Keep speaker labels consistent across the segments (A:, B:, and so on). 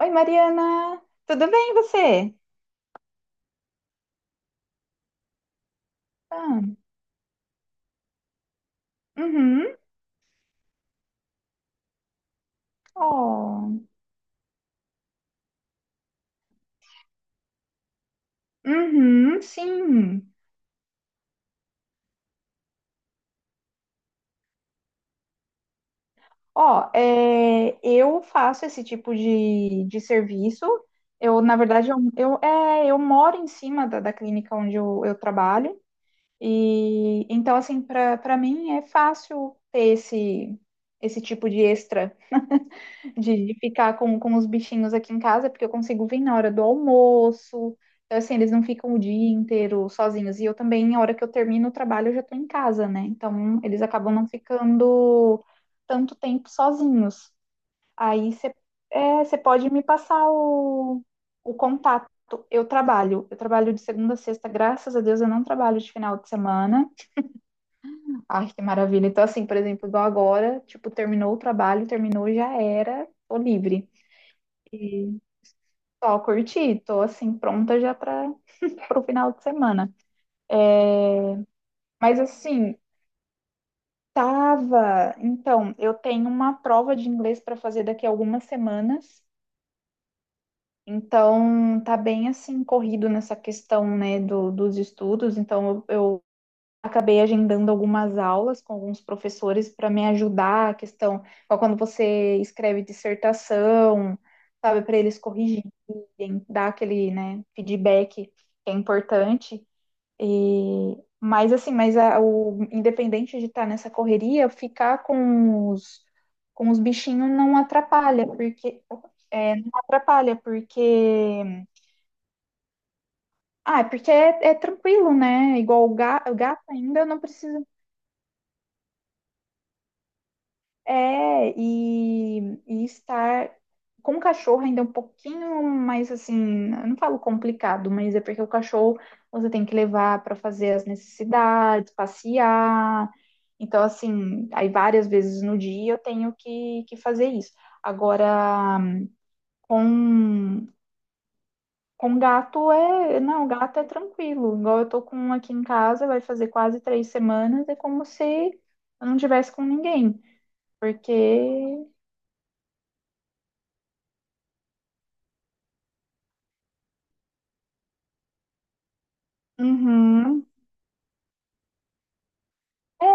A: Oi, Mariana, tudo bem você? Ah, uhum, Oh. Uhum, sim. Ó, é, eu faço esse tipo de serviço. Na verdade, eu moro em cima da clínica onde eu trabalho. E então, assim, para mim é fácil ter esse tipo de extra. De ficar com os bichinhos aqui em casa, porque eu consigo vir na hora do almoço. Então, assim, eles não ficam o dia inteiro sozinhos. E eu também, na hora que eu termino o trabalho, eu já tô em casa, né? Então, eles acabam não ficando tanto tempo sozinhos. Aí você você pode me passar o contato. Eu trabalho de segunda a sexta, graças a Deus eu não trabalho de final de semana. Ai, que maravilha. Então, assim, por exemplo, igual agora, tipo, terminou o trabalho, terminou, já era, tô livre. E só curti, tô assim, pronta já para o final de semana. É, mas assim, tava. Então, eu tenho uma prova de inglês para fazer daqui a algumas semanas. Então, tá bem assim, corrido nessa questão, né, dos estudos. Então, eu acabei agendando algumas aulas com alguns professores para me ajudar a questão, ó, quando você escreve dissertação, sabe, para eles corrigirem, dar aquele, né, feedback que é importante. E, mas assim, mas a- o independente de estar nessa correria, ficar com os bichinhos não atrapalha, porque não atrapalha, porque ah, é porque é tranquilo, né? Igual o gato, ainda não precisa. É, e estar com o cachorro ainda é um pouquinho mais assim, eu não falo complicado, mas é porque o cachorro você tem que levar para fazer as necessidades, passear. Então, assim, aí várias vezes no dia eu tenho que fazer isso. Agora, com, com gato é. Não, gato é tranquilo. Igual eu tô com um aqui em casa, vai fazer quase três semanas, é como se eu não tivesse com ninguém. Porque uhum. É,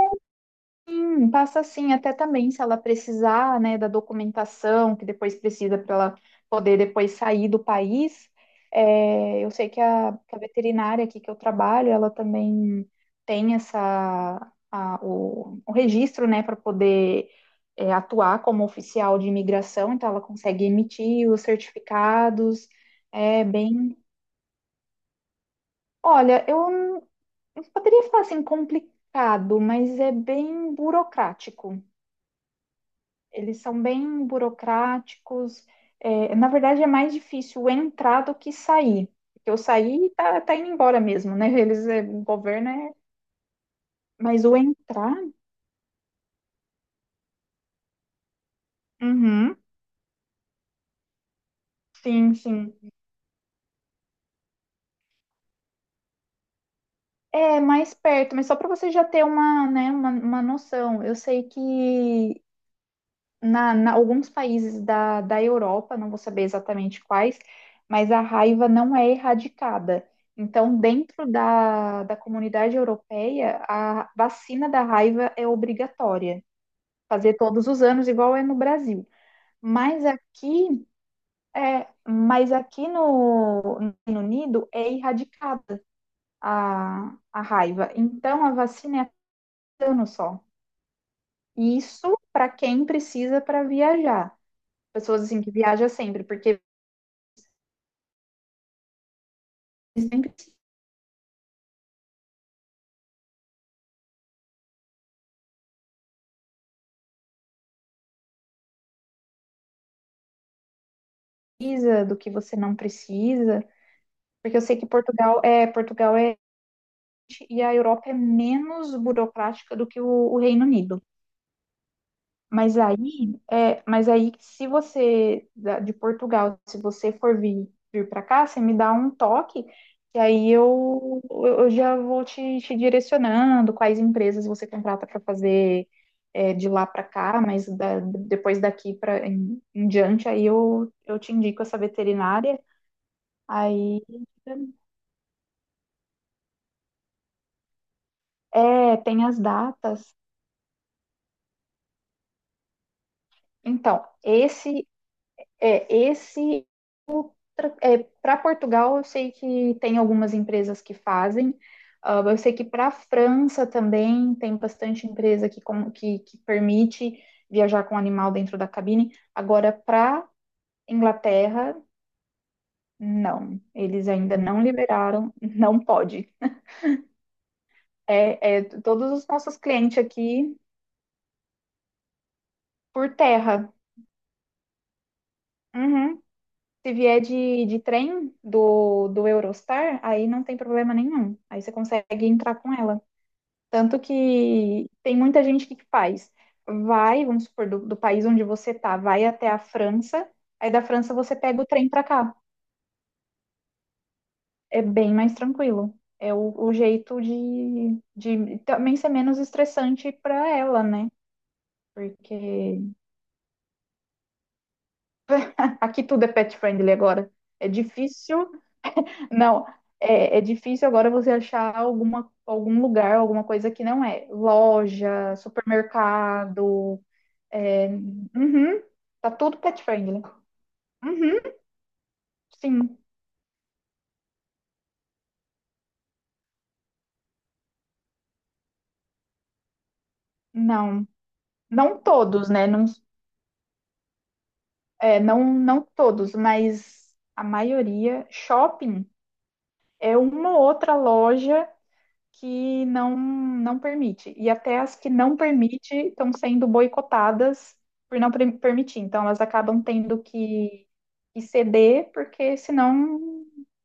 A: sim, passa assim, até também se ela precisar, né, da documentação que depois precisa para ela poder depois sair do país. É, eu sei que que a veterinária aqui que eu trabalho, ela também tem essa o registro, né, para poder atuar como oficial de imigração, então ela consegue emitir os certificados. É bem, olha, eu não poderia falar assim complicado, mas é bem burocrático. Eles são bem burocráticos. É, na verdade, é mais difícil entrar do que sair. Porque o sair tá indo embora mesmo, né? Eles, é, o governo é. Mas o entrar. Uhum. Sim, sim. É mais perto, mas só para você já ter uma, né, uma noção. Eu sei que alguns países da Europa, não vou saber exatamente quais, mas a raiva não é erradicada. Então, dentro da comunidade europeia, a vacina da raiva é obrigatória, fazer todos os anos, igual é no Brasil. Mas aqui, é, mas aqui no, no Reino Unido é erradicada a raiva. Então, a vacina é cada ano só. Isso para quem precisa para viajar, pessoas assim que viaja sempre, porque nem precisa, do que você não precisa, porque eu sei que Portugal é, Portugal é e a Europa é menos burocrática do que o Reino Unido. Mas aí, é, mas aí, se você de Portugal, se você for vir para cá, você me dá um toque, e aí eu já vou te direcionando quais empresas você contrata para fazer é, de lá para cá, mas depois daqui para em, em diante, aí eu te indico essa veterinária. Aí é, tem as datas. Então, esse é, esse é, para Portugal, eu sei que tem algumas empresas que fazem. Ah, eu sei que para a França também tem bastante empresa que permite viajar com animal dentro da cabine. Agora, para Inglaterra, não. Eles ainda não liberaram, não pode. É, é todos os nossos clientes aqui por terra. Uhum. Se vier de trem do Eurostar, aí não tem problema nenhum. Aí você consegue entrar com ela. Tanto que tem muita gente que faz. Vai, vamos supor, do país onde você tá, vai até a França, aí da França você pega o trem para cá. É bem mais tranquilo. É o jeito de também ser menos estressante para ela, né? Porque aqui tudo é pet friendly agora. É difícil, não, é, é difícil agora você achar alguma, algum lugar, alguma coisa que não é. Loja, supermercado, é, uhum, tá tudo pet friendly. Uhum, sim, não, não todos, né? Não, é, não, não todos, mas a maioria. Shopping é uma ou outra loja que não permite. E até as que não permite estão sendo boicotadas por não pre- permitir. Então elas acabam tendo que ceder, porque senão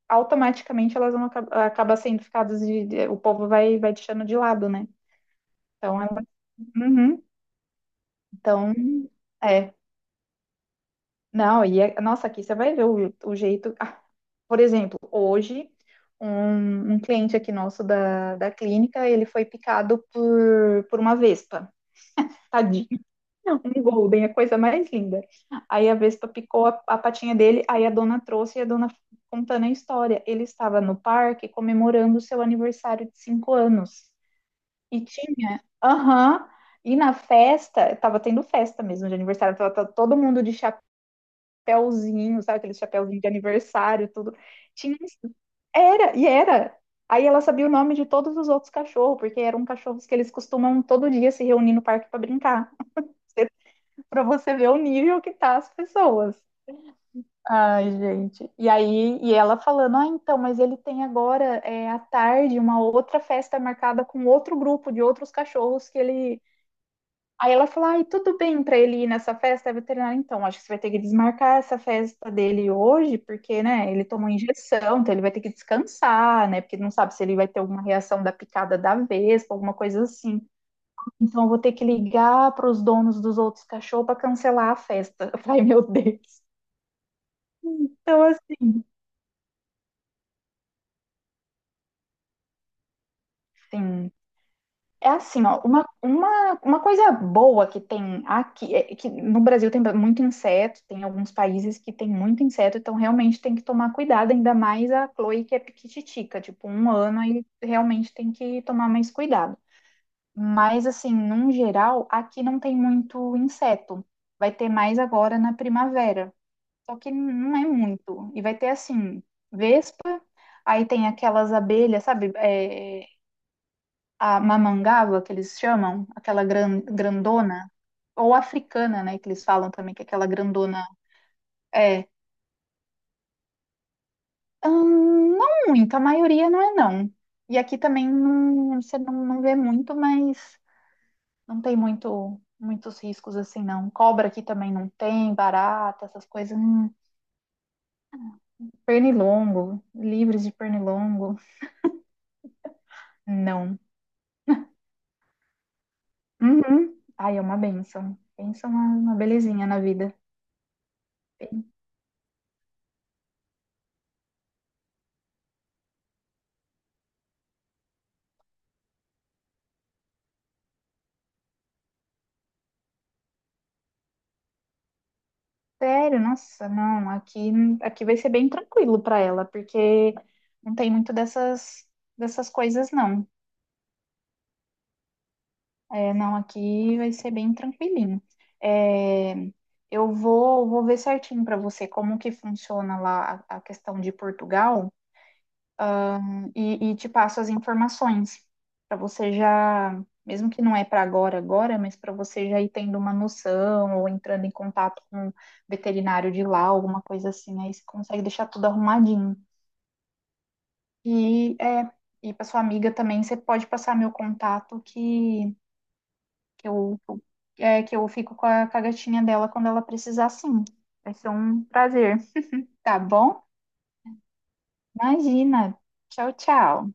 A: automaticamente elas vão acaba sendo ficadas de, o povo vai deixando de lado, né? Então ela, uhum, então é, não, e é, nossa, aqui você vai ver o jeito. Ah, por exemplo, hoje um cliente aqui nosso da clínica, ele foi picado por uma vespa. Tadinho. Um golden, é a coisa mais linda. Aí a Vespa picou a patinha dele, aí a dona trouxe e a dona contando a história. Ele estava no parque comemorando o seu aniversário de cinco anos. E tinha, aham, e na festa, estava tendo festa mesmo de aniversário, tava, tava todo mundo de chapéuzinho, sabe aquele chapéuzinho de aniversário, tudo. Tinha, era, e era. Aí ela sabia o nome de todos os outros cachorros, porque eram cachorros que eles costumam todo dia se reunir no parque para brincar, para você ver o nível que tá as pessoas. Ai, gente. E aí, e ela falando, ah, então, mas ele tem agora é, à tarde uma outra festa marcada com outro grupo de outros cachorros que ele. Aí ela falou, ai, tudo bem para ele ir nessa festa, é veterinária, então, acho que você vai ter que desmarcar essa festa dele hoje, porque, né, ele tomou injeção, então ele vai ter que descansar, né, porque não sabe se ele vai ter alguma reação da picada da vespa, alguma coisa assim. Então, eu vou ter que ligar para os donos dos outros cachorros para cancelar a festa. Eu falei, meu Deus. Então, assim, assim, é assim, ó, uma coisa boa que tem aqui, é que no Brasil tem muito inseto, tem alguns países que tem muito inseto, então realmente tem que tomar cuidado, ainda mais a Chloe que é piquititica, tipo, um ano aí realmente tem que tomar mais cuidado. Mas, assim, num geral, aqui não tem muito inseto. Vai ter mais agora na primavera. Só que não é muito. E vai ter assim, vespa, aí tem aquelas abelhas, sabe? É, a mamangava, que eles chamam, aquela grandona, ou africana, né? Que eles falam também, que é aquela grandona é. Não muito, a maioria não é não. E aqui também não, você não vê muito, mas não tem muito, muitos riscos assim, não. Cobra aqui também não tem, barata, essas coisas. Pernilongo, livres de pernilongo, não. Uhum. Ai, é uma bênção. Pensa uma belezinha na vida. Sério, nossa, não. Aqui, aqui vai ser bem tranquilo para ela, porque não tem muito dessas, dessas coisas, não. É, não, aqui vai ser bem tranquilinho. É, vou ver certinho para você como que funciona lá a questão de Portugal. E, e te passo as informações para você já, mesmo que não é para agora, agora, mas para você já ir tendo uma noção ou entrando em contato com um veterinário de lá, alguma coisa assim, aí você consegue deixar tudo arrumadinho. E é, e para sua amiga também, você pode passar meu contato que eu é, que eu fico com a gatinha dela quando ela precisar, sim. Vai ser um prazer, tá bom? Imagina. Tchau, tchau.